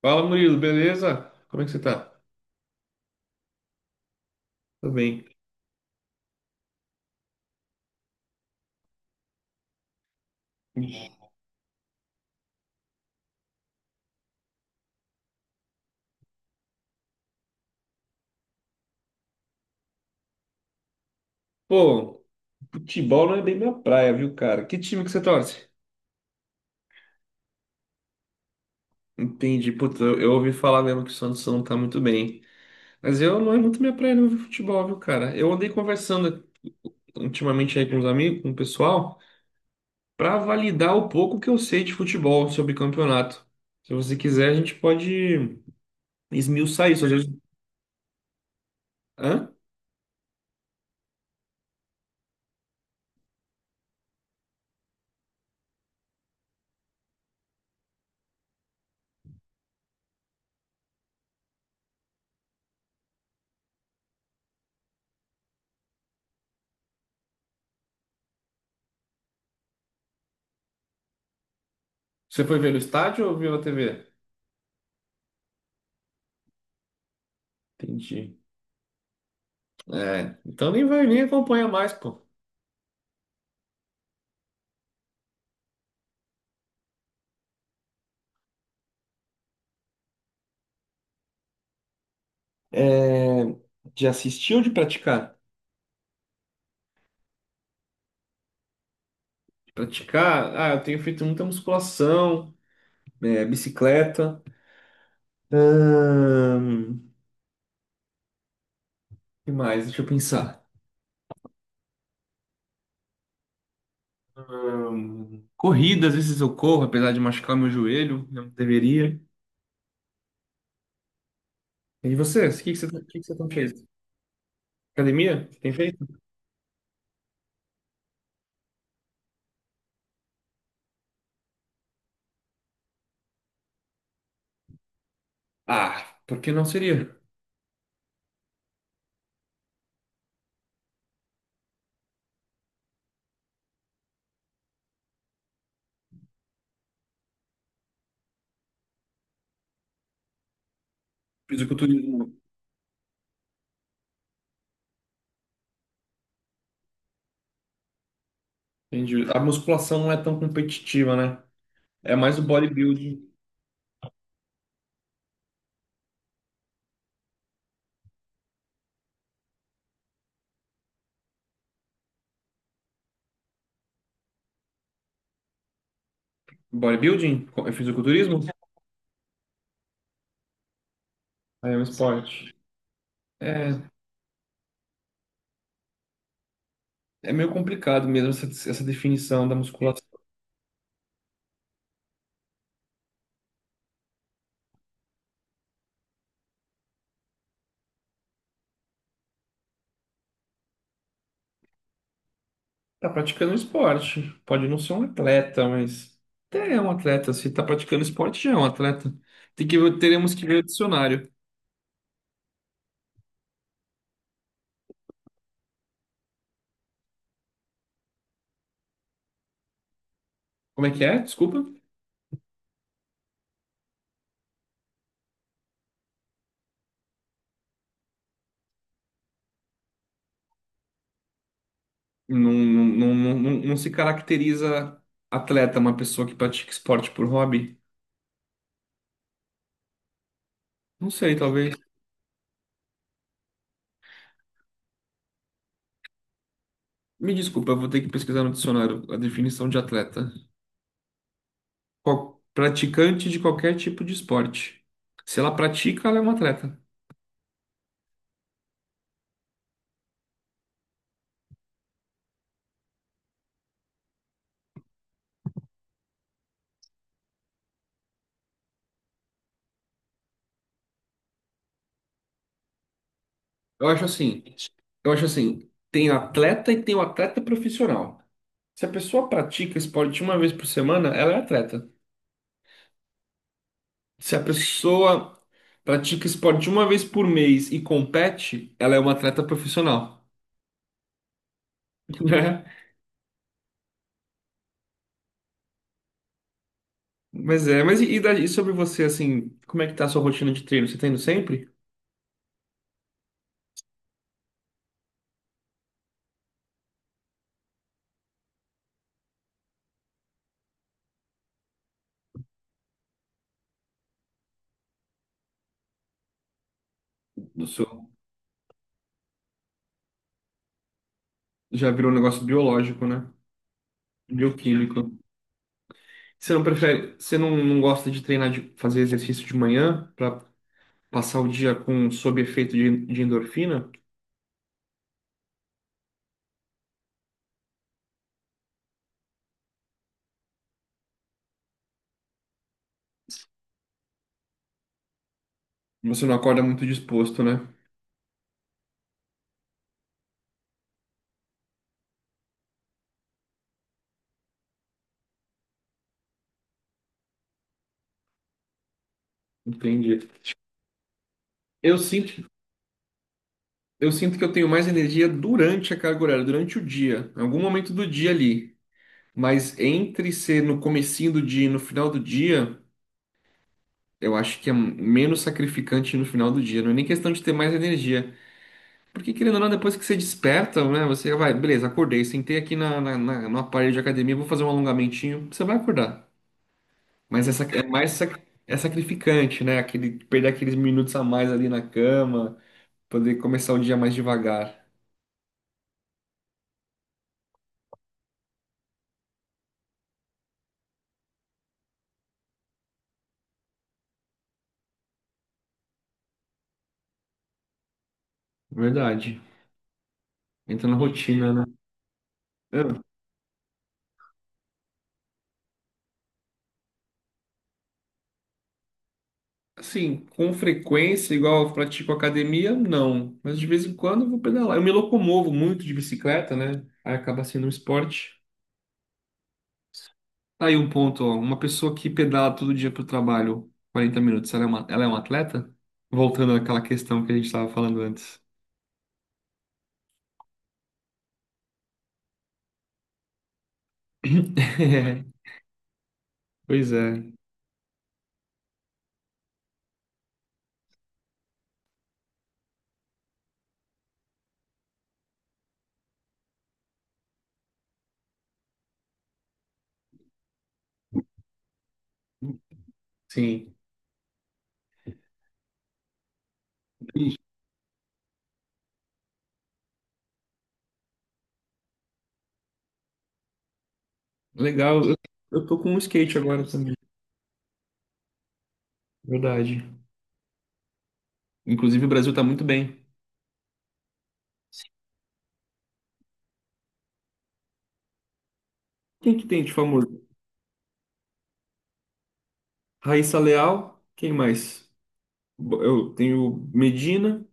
Fala, Murilo, beleza? Como é que você tá? Tô bem. Pô, futebol não é bem minha praia, viu, cara? Que time que você torce? Entendi. Putz, eu ouvi falar mesmo que o Santos não tá muito bem. Mas eu não é muito minha praia, não, viu, futebol, viu, cara? Eu andei conversando ultimamente aí com os amigos, com o pessoal, pra validar o pouco que eu sei de futebol sobre campeonato. Se você quiser, a gente pode esmiuçar isso. Às vezes- Hã? Você foi ver no estádio ou viu na TV? Entendi. É, então nem vai, nem acompanha mais, pô. É, de assistir ou de praticar? De praticar, ah, eu tenho feito muita musculação, é, bicicleta. Ahn, que mais? Deixa eu pensar. Corrida, às vezes eu corro, apesar de machucar meu joelho, não deveria. E você? O que que você tem feito? Academia? Tem feito? Ah, por que não seria? Fisiculturismo. Entendi. A musculação não é tão competitiva, né? É mais o bodybuilding. Bodybuilding? Co- É fisiculturismo? É um esporte. É, é meio complicado mesmo essa definição da musculação. Tá praticando um esporte. Pode não ser um atleta, mas até é um atleta. Se tá praticando esporte, já é um atleta. Teremos que ver o dicionário. Como é que é? Desculpa. Não, se caracteriza atleta uma pessoa que pratica esporte por hobby? Não sei, talvez. Me desculpa, eu vou ter que pesquisar no dicionário a definição de atleta. Qual- praticante de qualquer tipo de esporte. Se ela pratica, ela é uma atleta. Eu acho assim, eu acho assim, tem atleta e tem o atleta profissional. Se a pessoa pratica esporte uma vez por semana, ela é atleta. Se a pessoa pratica esporte uma vez por mês e compete, ela é uma atleta profissional, né? Mas é, e daí- e sobre você, assim, como é que tá a sua rotina de treino? Você tá indo sempre? No seu, já virou um negócio biológico, né? Bioquímico. Você não prefere, você não, não gosta de treinar, de fazer exercício de manhã? Passar o dia com sob efeito de endorfina, você não acorda muito disposto, né? Entendi. Eu sinto, eu sinto que eu tenho mais energia durante a carga horária, durante o dia, em algum momento do dia ali. Mas entre ser no comecinho do dia e no final do dia, eu acho que é menos sacrificante no final do dia. Não é nem questão de ter mais energia. Porque querendo ou não, depois que você desperta, né? Você vai, beleza, acordei, sentei aqui no aparelho de academia, vou fazer um alongamentinho, você vai acordar. Mas essa é mais sac- é sacrificante, né? Aquele, perder aqueles minutos a mais ali na cama, poder começar o dia mais devagar. Verdade. Entra na rotina, né? Ah, assim, com frequência, igual eu pratico academia, não. Mas de vez em quando eu vou pedalar. Eu me locomovo muito de bicicleta, né? Aí acaba sendo um esporte. Tá aí um ponto, ó. Uma pessoa que pedala todo dia pro trabalho 40 minutos, ela é uma atleta? Voltando àquela questão que a gente estava falando antes. Pois é, sim. Ih, legal. Eu tô com um skate agora também. Verdade. Inclusive, o Brasil tá muito bem. Quem que tem de famoso? Raíssa Leal. Quem mais? Bo- Eu tenho Medina.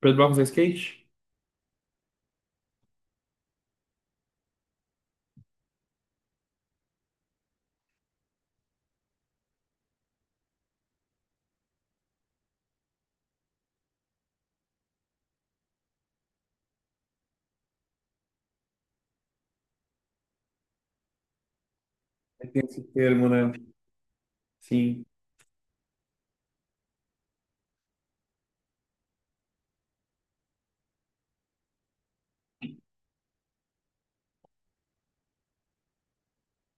Pedro Barros é skate? É, tem esse termo, né? Sim.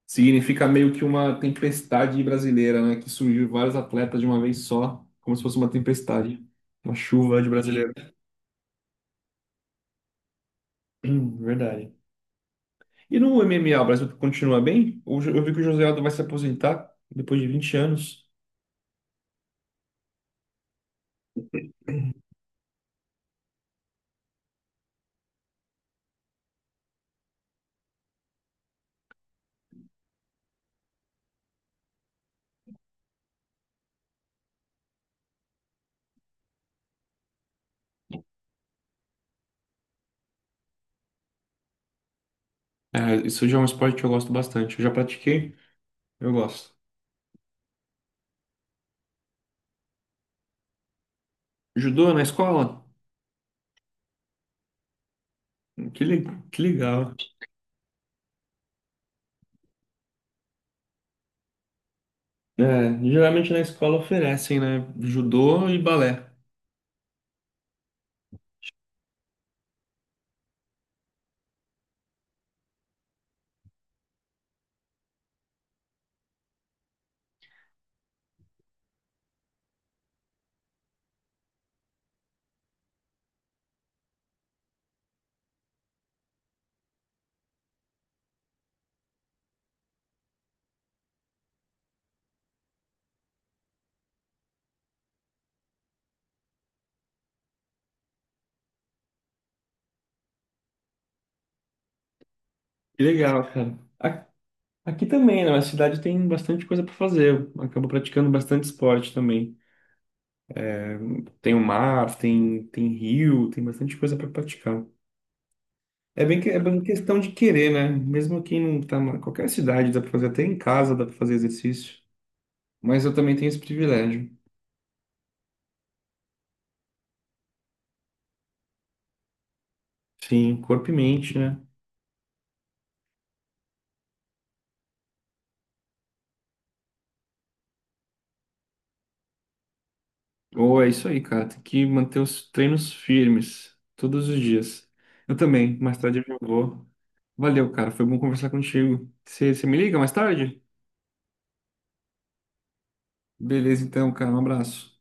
Significa meio que uma tempestade brasileira, né? Que surgiu vários atletas de uma vez só, como se fosse uma tempestade. Uma chuva de brasileiro. Verdade. E no MMA, o Brasil continua bem? Eu vi que o José Aldo vai se aposentar depois de 20 anos. É, isso já é um esporte que eu gosto bastante. Eu já pratiquei, eu gosto. Judô na escola? Que, le- que legal. É, geralmente na escola oferecem, né? Judô e balé. Que legal, cara. A- Aqui também, né? Na cidade tem bastante coisa para fazer. Eu acabo praticando bastante esporte também. Tem o mar, tem rio, tem bastante coisa para praticar. É bem, que- é bem questão de querer, né? Mesmo quem não tá em qualquer cidade, dá pra fazer até em casa, dá pra fazer exercício. Mas eu também tenho esse privilégio. Sim, corpo e mente, né? Ou é isso aí, cara. Tem que manter os treinos firmes todos os dias. Eu também, mais tarde eu já vou. Valeu, cara. Foi bom conversar contigo. Você me liga mais tarde? Beleza, então, cara. Um abraço.